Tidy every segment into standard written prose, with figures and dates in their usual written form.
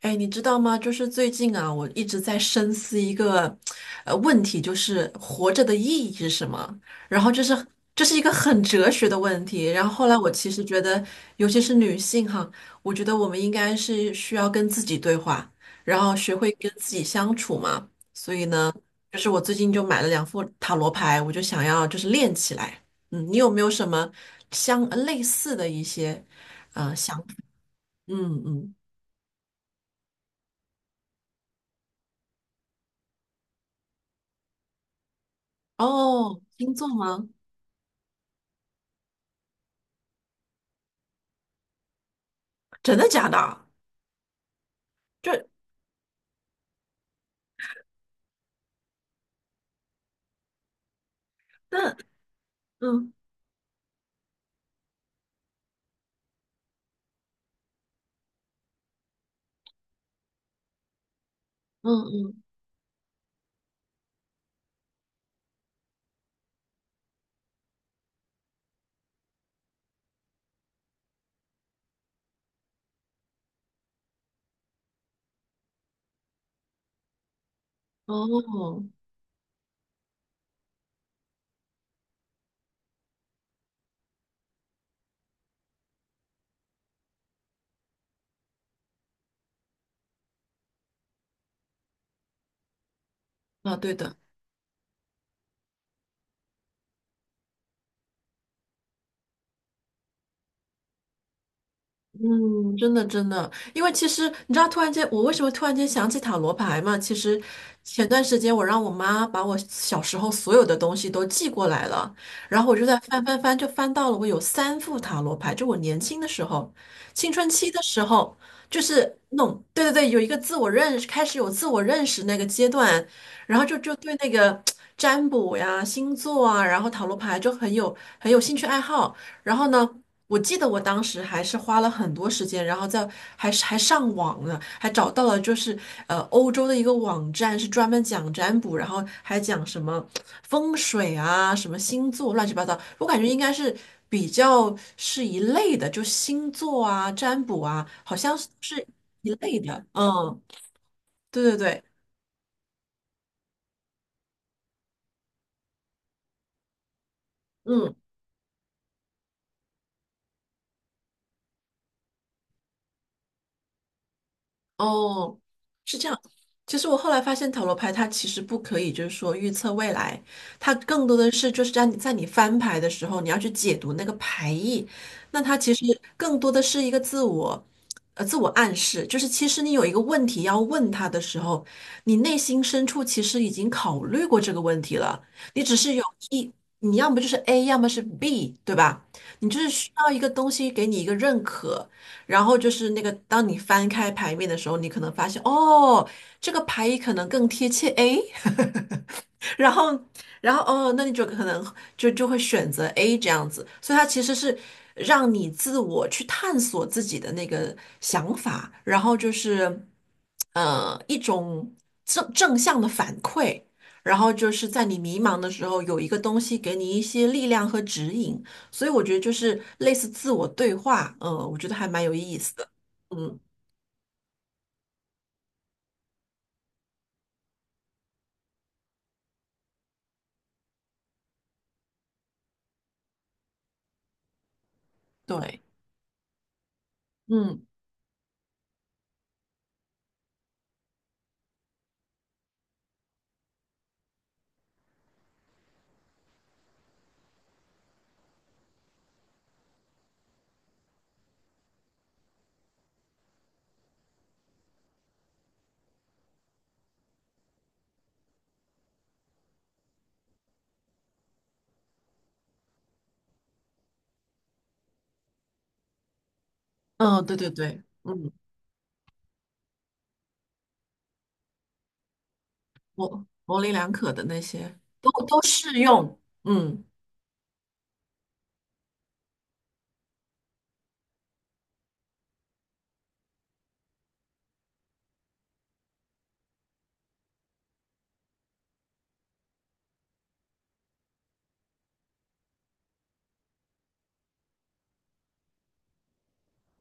哎，你知道吗？就是最近啊，我一直在深思一个问题，就是活着的意义是什么？然后就是这是一个很哲学的问题。然后后来我其实觉得，尤其是女性哈，我觉得我们应该是需要跟自己对话，然后学会跟自己相处嘛。所以呢，就是我最近就买了两副塔罗牌，我就想要就是练起来。嗯，你有没有什么类似的一些想法？嗯嗯。哦，星座吗？真的假的？这那嗯嗯嗯，哦，啊，对的，嗯，真的真的，因为其实你知道，突然间我为什么突然间想起塔罗牌嘛？其实前段时间我让我妈把我小时候所有的东西都寄过来了，然后我就在翻翻翻，就翻到了我有三副塔罗牌，就我年轻的时候，青春期的时候，就是弄，对对对，有一个自我认识，开始有自我认识那个阶段，然后就对那个占卜呀、星座啊，然后塔罗牌就很有兴趣爱好，然后呢。我记得我当时还是花了很多时间，然后在还是还上网呢，还找到了就是欧洲的一个网站，是专门讲占卜，然后还讲什么风水啊、什么星座乱七八糟。我感觉应该是比较是一类的，就星座啊、占卜啊，好像是一类的。嗯，对对对，嗯。哦，是这样。其实我后来发现，塔罗牌它其实不可以，就是说预测未来，它更多的是就是在你翻牌的时候，你要去解读那个牌意。那它其实更多的是一个自我，自我暗示，就是其实你有一个问题要问他的时候，你内心深处其实已经考虑过这个问题了，你只是有一，你要么就是 A，要么是 B，对吧？你就是需要一个东西给你一个认可。然后就是那个，当你翻开牌面的时候，你可能发现，哦，这个牌意可能更贴切，诶，然后，哦，那你就可能就会选择 A 这样子，所以它其实是让你自我去探索自己的那个想法，然后就是一种正向的反馈，然后就是在你迷茫的时候有一个东西给你一些力量和指引，所以我觉得就是类似自我对话，我觉得还蛮有意思的，嗯，对，嗯嗯，对对对，嗯。模棱两可的那些都适用。嗯，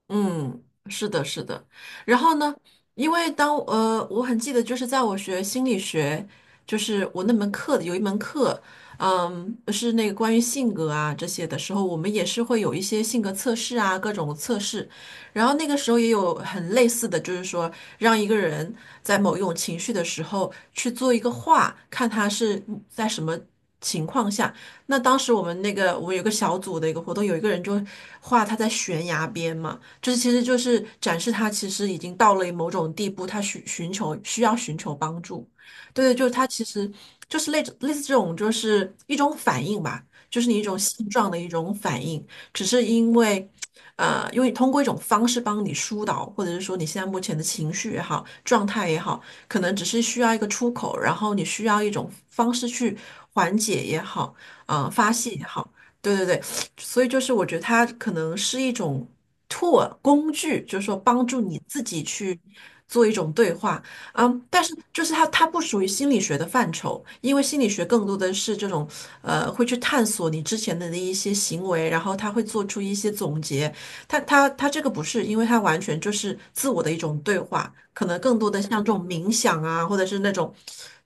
嗯，是的，是的。然后呢，因为我很记得，就是在我学心理学，就是我那门课的有一门课，嗯，是那个关于性格啊这些的时候，我们也是会有一些性格测试啊，各种测试。然后那个时候也有很类似的，就是说让一个人在某一种情绪的时候去做一个画，看他是在什么情况下。那当时我们有个小组的一个活动，有一个人就画他在悬崖边嘛。就是其实就是展示他其实已经到了某种地步，他寻寻求需要寻求帮助。对，对，就是他其实就是类似这种，就是一种反应吧，就是你一种现状的一种反应，只是因为。因为通过一种方式帮你疏导，或者是说你现在目前的情绪也好，状态也好，可能只是需要一个出口，然后你需要一种方式去缓解也好，发泄也好，对对对，所以就是我觉得它可能是一种 tool 工具，就是说帮助你自己去做一种对话，嗯，但是就是它不属于心理学的范畴，因为心理学更多的是这种会去探索你之前的那一些行为，然后他会做出一些总结，它这个不是，因为它完全就是自我的一种对话，可能更多的像这种冥想啊，或者是那种，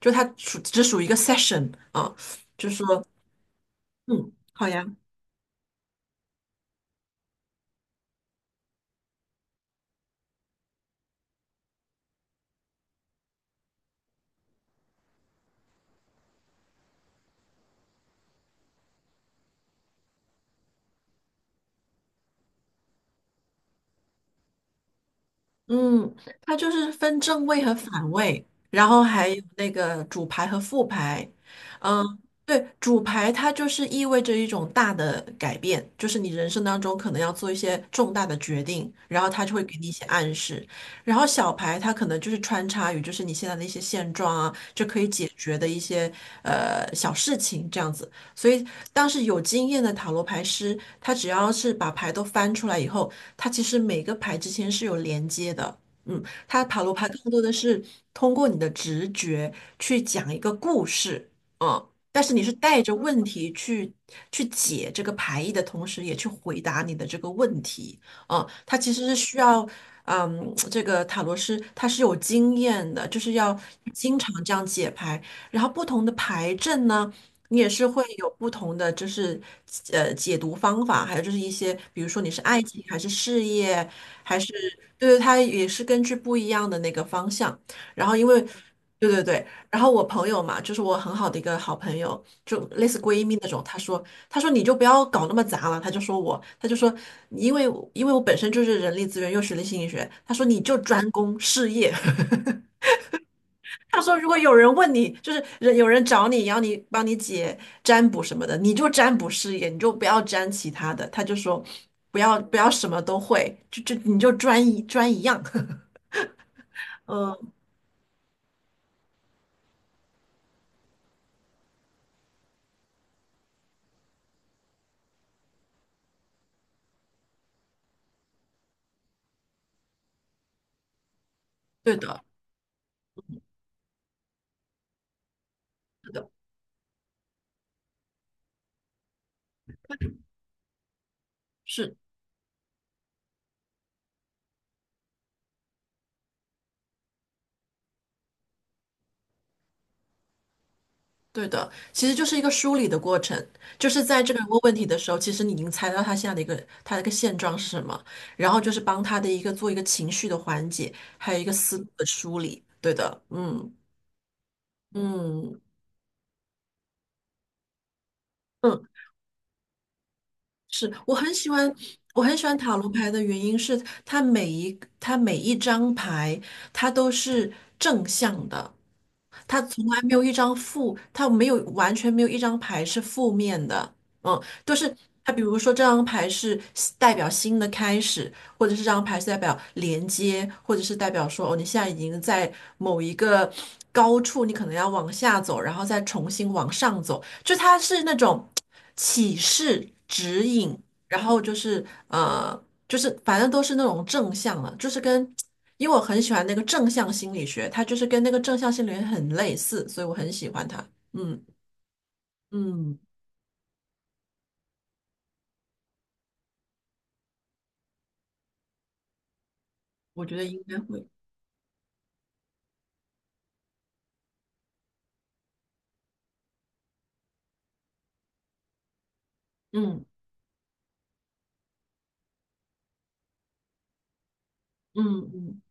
就它属于一个 session 啊，就是说，嗯，好呀。嗯，它就是分正位和反位，然后还有那个主牌和副牌。嗯，对，主牌它就是意味着一种大的改变，就是你人生当中可能要做一些重大的决定，然后它就会给你一些暗示。然后小牌它可能就是穿插于就是你现在的一些现状啊，就可以解决的一些小事情这样子。所以当时有经验的塔罗牌师，他只要是把牌都翻出来以后。它其实每个牌之间是有连接的。嗯，它塔罗牌更多的是通过你的直觉去讲一个故事，嗯，但是你是带着问题去解这个牌意的同时，也去回答你的这个问题，嗯，它其实是需要，嗯，这个塔罗师他是有经验的，就是要经常这样解牌，然后不同的牌阵呢。你也是会有不同的，就是解读方法，还有就是一些，比如说你是爱情还是事业，还是对对，它也是根据不一样的那个方向。然后因为对对对，然后我朋友嘛，就是我很好的一个好朋友，就类似闺蜜那种，她说你就不要搞那么杂了，她就说我，她就说因为因为我本身就是人力资源又学了心理学，她说你就专攻事业，他说，如果有人问你，就是有人找你，然后你帮你解占卜什么的，你就占卜事业，你就不要占其他的。他就说，不要不要什么都会，就你就专一样。嗯，对的，是的，是对的。其实就是一个梳理的过程，就是在这个人问问题的时候，其实你已经猜到他现在的一个现状是什么，然后就是帮他的一个做一个情绪的缓解，还有一个思路的梳理。对的，嗯嗯嗯。是我很喜欢塔罗牌的原因是，它每一张牌，它都是正向的，它没有完全没有一张牌是负面的，嗯，都是它，比如说这张牌是代表新的开始，或者是这张牌是代表连接，或者是代表说哦，你现在已经在某一个高处，你可能要往下走，然后再重新往上走。就它是那种启示、指引，然后就是就是反正都是那种正向了，就是跟，因为我很喜欢那个正向心理学，它就是跟那个正向心理学很类似，所以我很喜欢它。嗯嗯，我觉得应该会。嗯嗯嗯，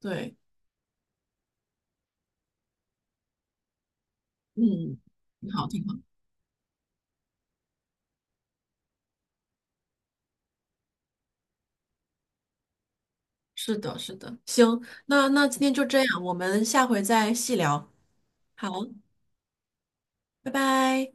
对，嗯，挺好挺好。是的，是的。行，那今天就这样，我们下回再细聊。好，拜拜。